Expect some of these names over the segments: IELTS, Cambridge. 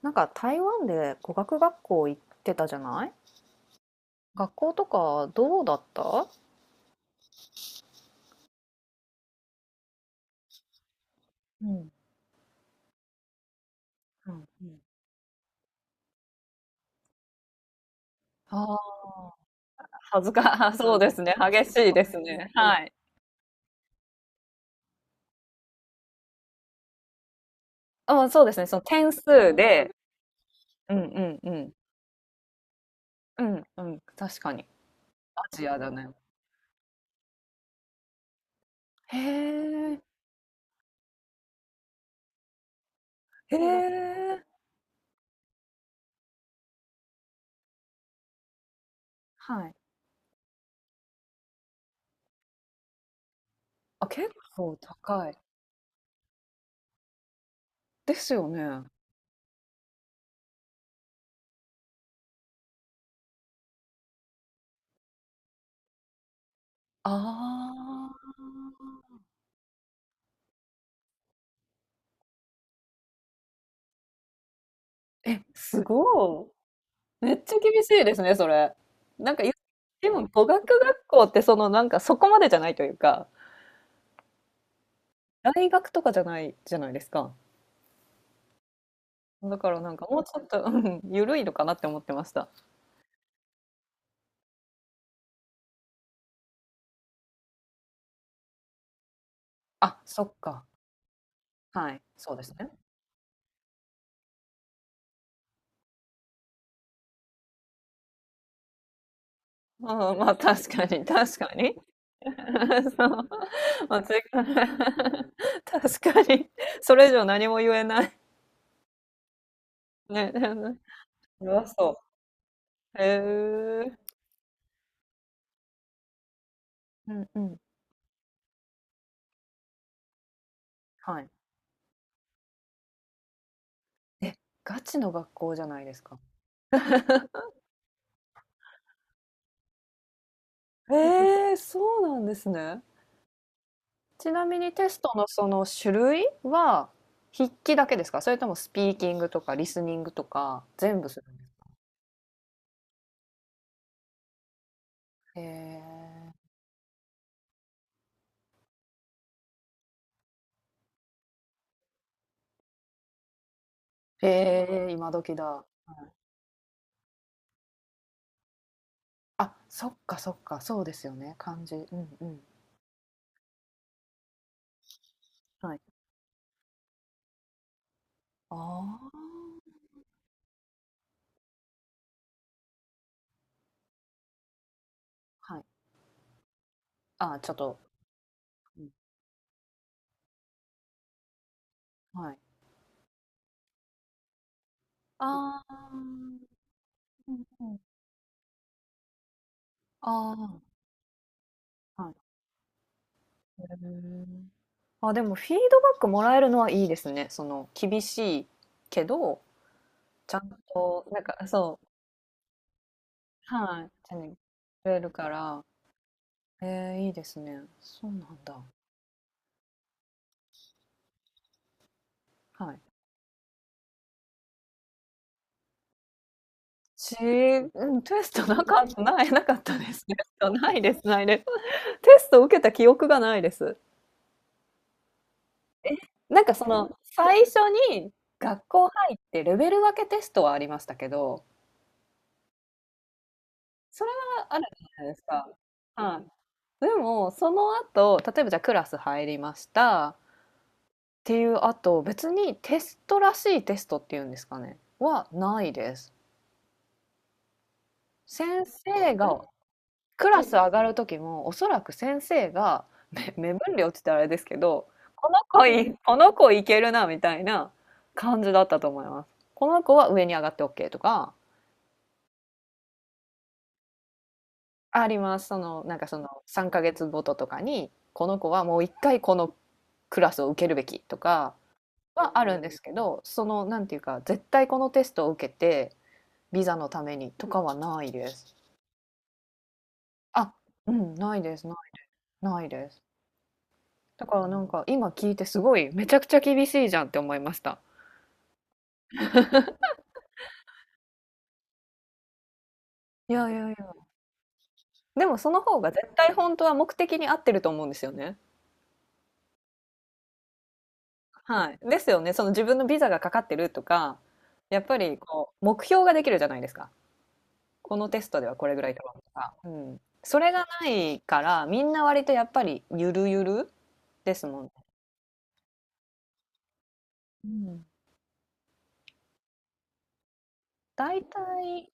なんか台湾で語学学校行ってたじゃない。学校とかどうだった？うん、恥ずか、あ、そうですね。激しいですね。はい。あ、そうですね。その点数で、うんうんうん。うん。確かに。アジアだね。へえ。へえ。はい。あ、結構高い。ですよね。ああ。え、すごい。めっちゃ厳しいですね、それ。なんか、でも語学学校ってそのなんかそこまでじゃないというか、大学とかじゃないじゃないですか。だからなんかもうちょっと、ゆるいのかなって思ってました。あ、そっか。はい、そうですね。うん、まあ、確かに確かに。そう。まあ、つい 確かに。それ以上何も言えない。ね。うわ、へえ。うんうん。はい。ガチですか？へえ、そうなんですね。ちなみにテストのその種類は筆記だけですか？それともスピーキングとかリーディングとか全部す、へえ。へえ、今時だ。はい。あ、そっかそっか、そうですよね、漢字。うんうん。はい。ああ、はい。あちょっと、うん、はい。ああ、うんうん。ああ、はい。へえ。あ、でもフィードバックもらえるのはいいですね。その、厳しいけど、ちゃんと、なんか、そう、はい、手にくれるから、えー、いいですね。そうなんだ。はい。ちうん、テストなかったです。テストないです。テスト受けた記憶がないです。なんかその、最初に学校入ってレベル分けテストはありましたけど、それはあるじゃないですか。はい。でも、その後、例えばじゃあクラス入りましたっていう後、別にテストらしいテストっていうんですかね、はないです。先生がクラス上がる時もおそらく先生がめ 目分量って言ったらあれですけど、この子けるなみたいな感じだったと思います。この子は上に上がって OK とか、ありますその、なんかその3ヶ月ごととかにこの子はもう一回このクラスを受けるべきとかはあるんですけど、そのなんていうか、絶対このテストを受けてビザのためにとかはないです。あうん、ないです。だからなんか今聞いてすごいめちゃくちゃ厳しいじゃんって思いました。いやいやいや。でもその方が絶対本当は目的に合ってると思うんですよね。はい。ですよね。その自分のビザがかかってるとか、やっぱりこう目標ができるじゃないですか。このテストではこれぐらい取ろうとか。うん。それがないからみんな割とやっぱりゆるゆるですもんね。うん。大体、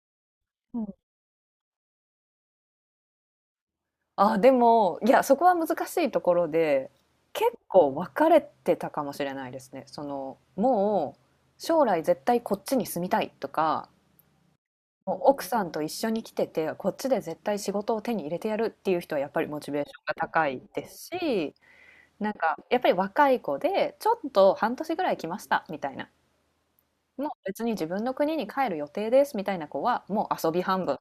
あ、でも、いや、そこは難しいところで、結構分かれてたかもしれないですね。その、もう将来絶対こっちに住みたいとか、もう奥さんと一緒に来てて、こっちで絶対仕事を手に入れてやるっていう人はやっぱりモチベーションが高いですし、なんかやっぱり若い子で、ちょっと半年ぐらい来ましたみたいな。もう別に自分の国に帰る予定ですみたいな子は、もう遊び半分。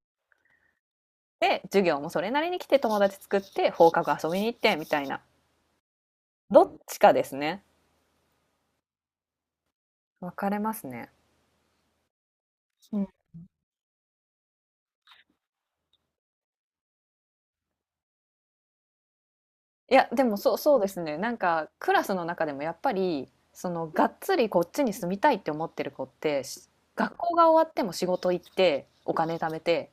で、授業もそれなりに来て友達作って放課後遊びに行ってみたいな。どっちかですね。分かれますね。うん。いや、でも、そうですね。なんかクラスの中でもやっぱり、そのがっつりこっちに住みたいって思ってる子って、学校が終わっても仕事行って、お金貯めて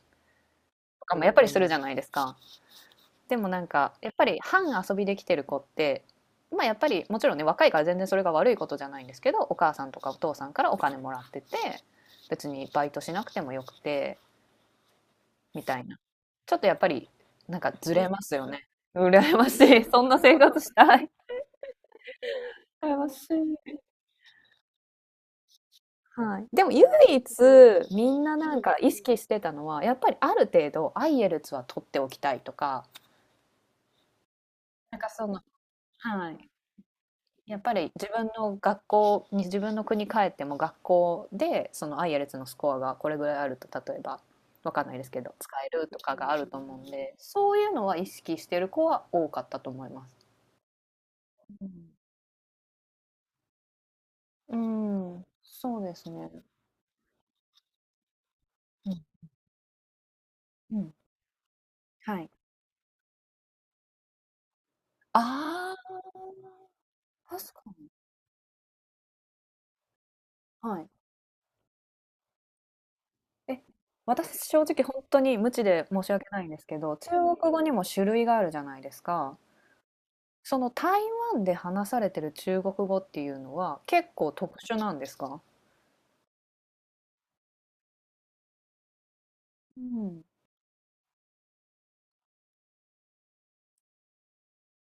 とかもやっぱりするじゃないですか。でもなんかやっぱり半遊びできてる子って、まあやっぱりもちろんね、若いから全然それが悪いことじゃないんですけど、お母さんとかお父さんからお金もらってて、別にバイトしなくてもよくて、みたいな。ちょっとやっぱり、なんかずれますよね。ね。羨ましい。そんな生活したい。羨ましい。はい。でも唯一、みんななんか意識してたのは、やっぱりある程度、アイエルツは取っておきたいとか、なんかその、はい。やっぱり自分の学校に、自分の国帰っても学校で、そのアイエルツのスコアがこれぐらいあると、例えば、わかんないですけど、使えるとかがあると思うんで、そういうのは意識してる子は多かったと思います。うん、そうですね。うん、はい。ああ、確かに。はい。え、私正直本当に無知で申し訳ないんですけど、中国語にも種類があるじゃないですか。その台湾で話されてる中国語っていうのは、結構特殊なんですか？うん。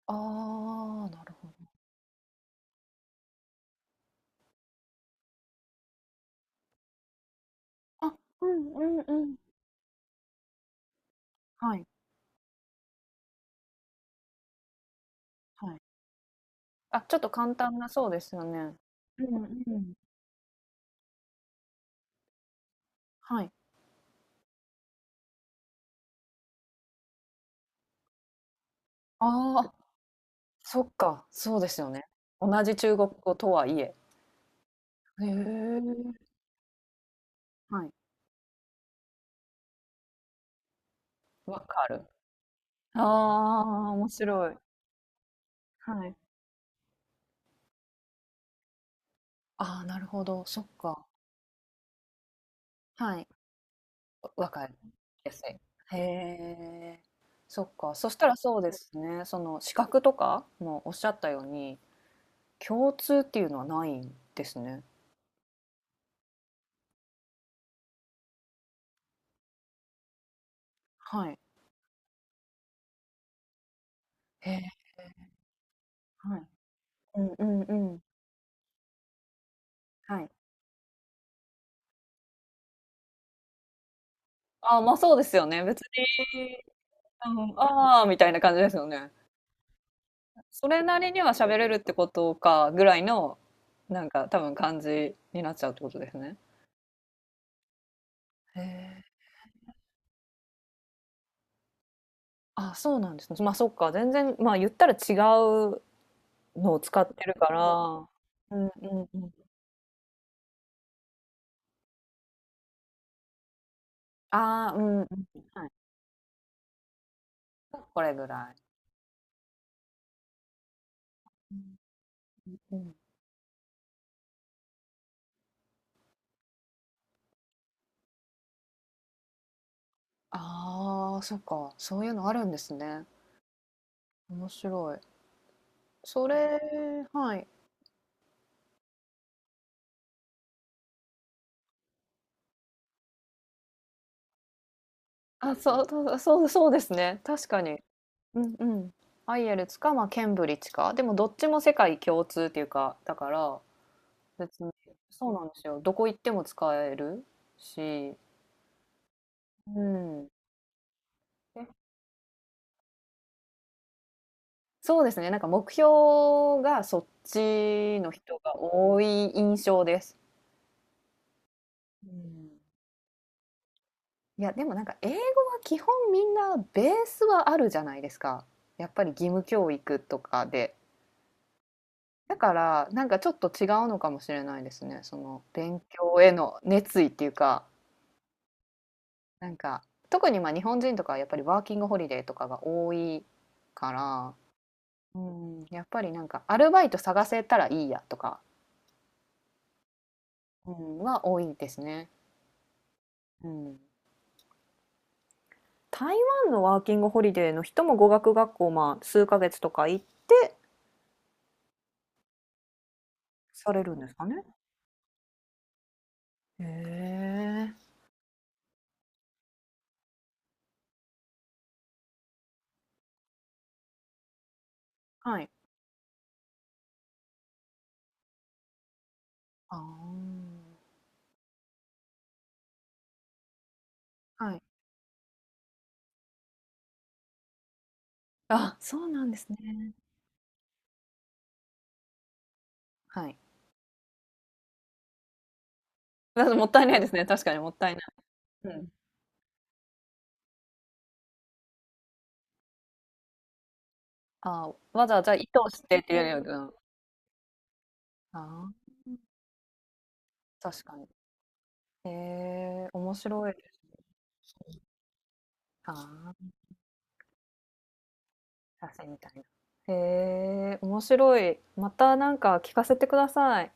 ああ、なるほど、あ、うんうんうん。はいはい。あ、ちょっと簡単な、そうですよね。うんうん。はい。ああ、そっか、そうですよね。同じ中国語とはいえ。へえ、はい。わかる。ああ、面白い。はい。ああ、なるほど。そっか。はい。わかりやすい。へえ、そっか。そしたらそうですね。その資格とかもおっしゃったように、共通っていうのはないんですね。はい。へえ。はい。うんうんうん。はい。ああ、ま、そうですよね。別に、うん、ああ、みたいな感じですよね。それなりには喋れるってことかぐらいの、なんか多分感じになっちゃうってことですね。へえ。あ、そうなんですね。まあそっか、全然、まあ言ったら違うのを使ってるから。うんうんうん。ああ、うん、はい。これぐらい。うん、うん。ああ、そっか。そういうのあるんですね。面白い。それ、はい。あ、そう、そうそうですね。確かに。うんうん。アイエルツか、まあ、ケンブリッジか。でもどっちも世界共通っていうか、だから、別に、そうなんですよ。どこ行っても使えるし、うん。え、そうですね。なんか目標がそっちの人が多い印象です。うん。いや、でもなんか英語は基本みんなベースはあるじゃないですか。やっぱり義務教育とかで。だからなんかちょっと違うのかもしれないですね。その勉強への熱意っていうか。なんか特にまあ日本人とかはやっぱりワーキングホリデーとかが多いから、うん、やっぱりなんかアルバイト探せたらいいやとか、うん、は多いですね。うん、台湾のワーキングホリデーの人も語学学校、まあ、数ヶ月とか行ってされるんですかね。へえ。はい。ああ。はい。あ、そうなんですね。はい。だってもったいないですね。確かにもったいない。うん。ああ、わざわざ意図してっていうよりは、うん、ああ、確かに。へえ、面白い。ああ、写真みたいな。へえ、面白い。またなんか聞かせてください。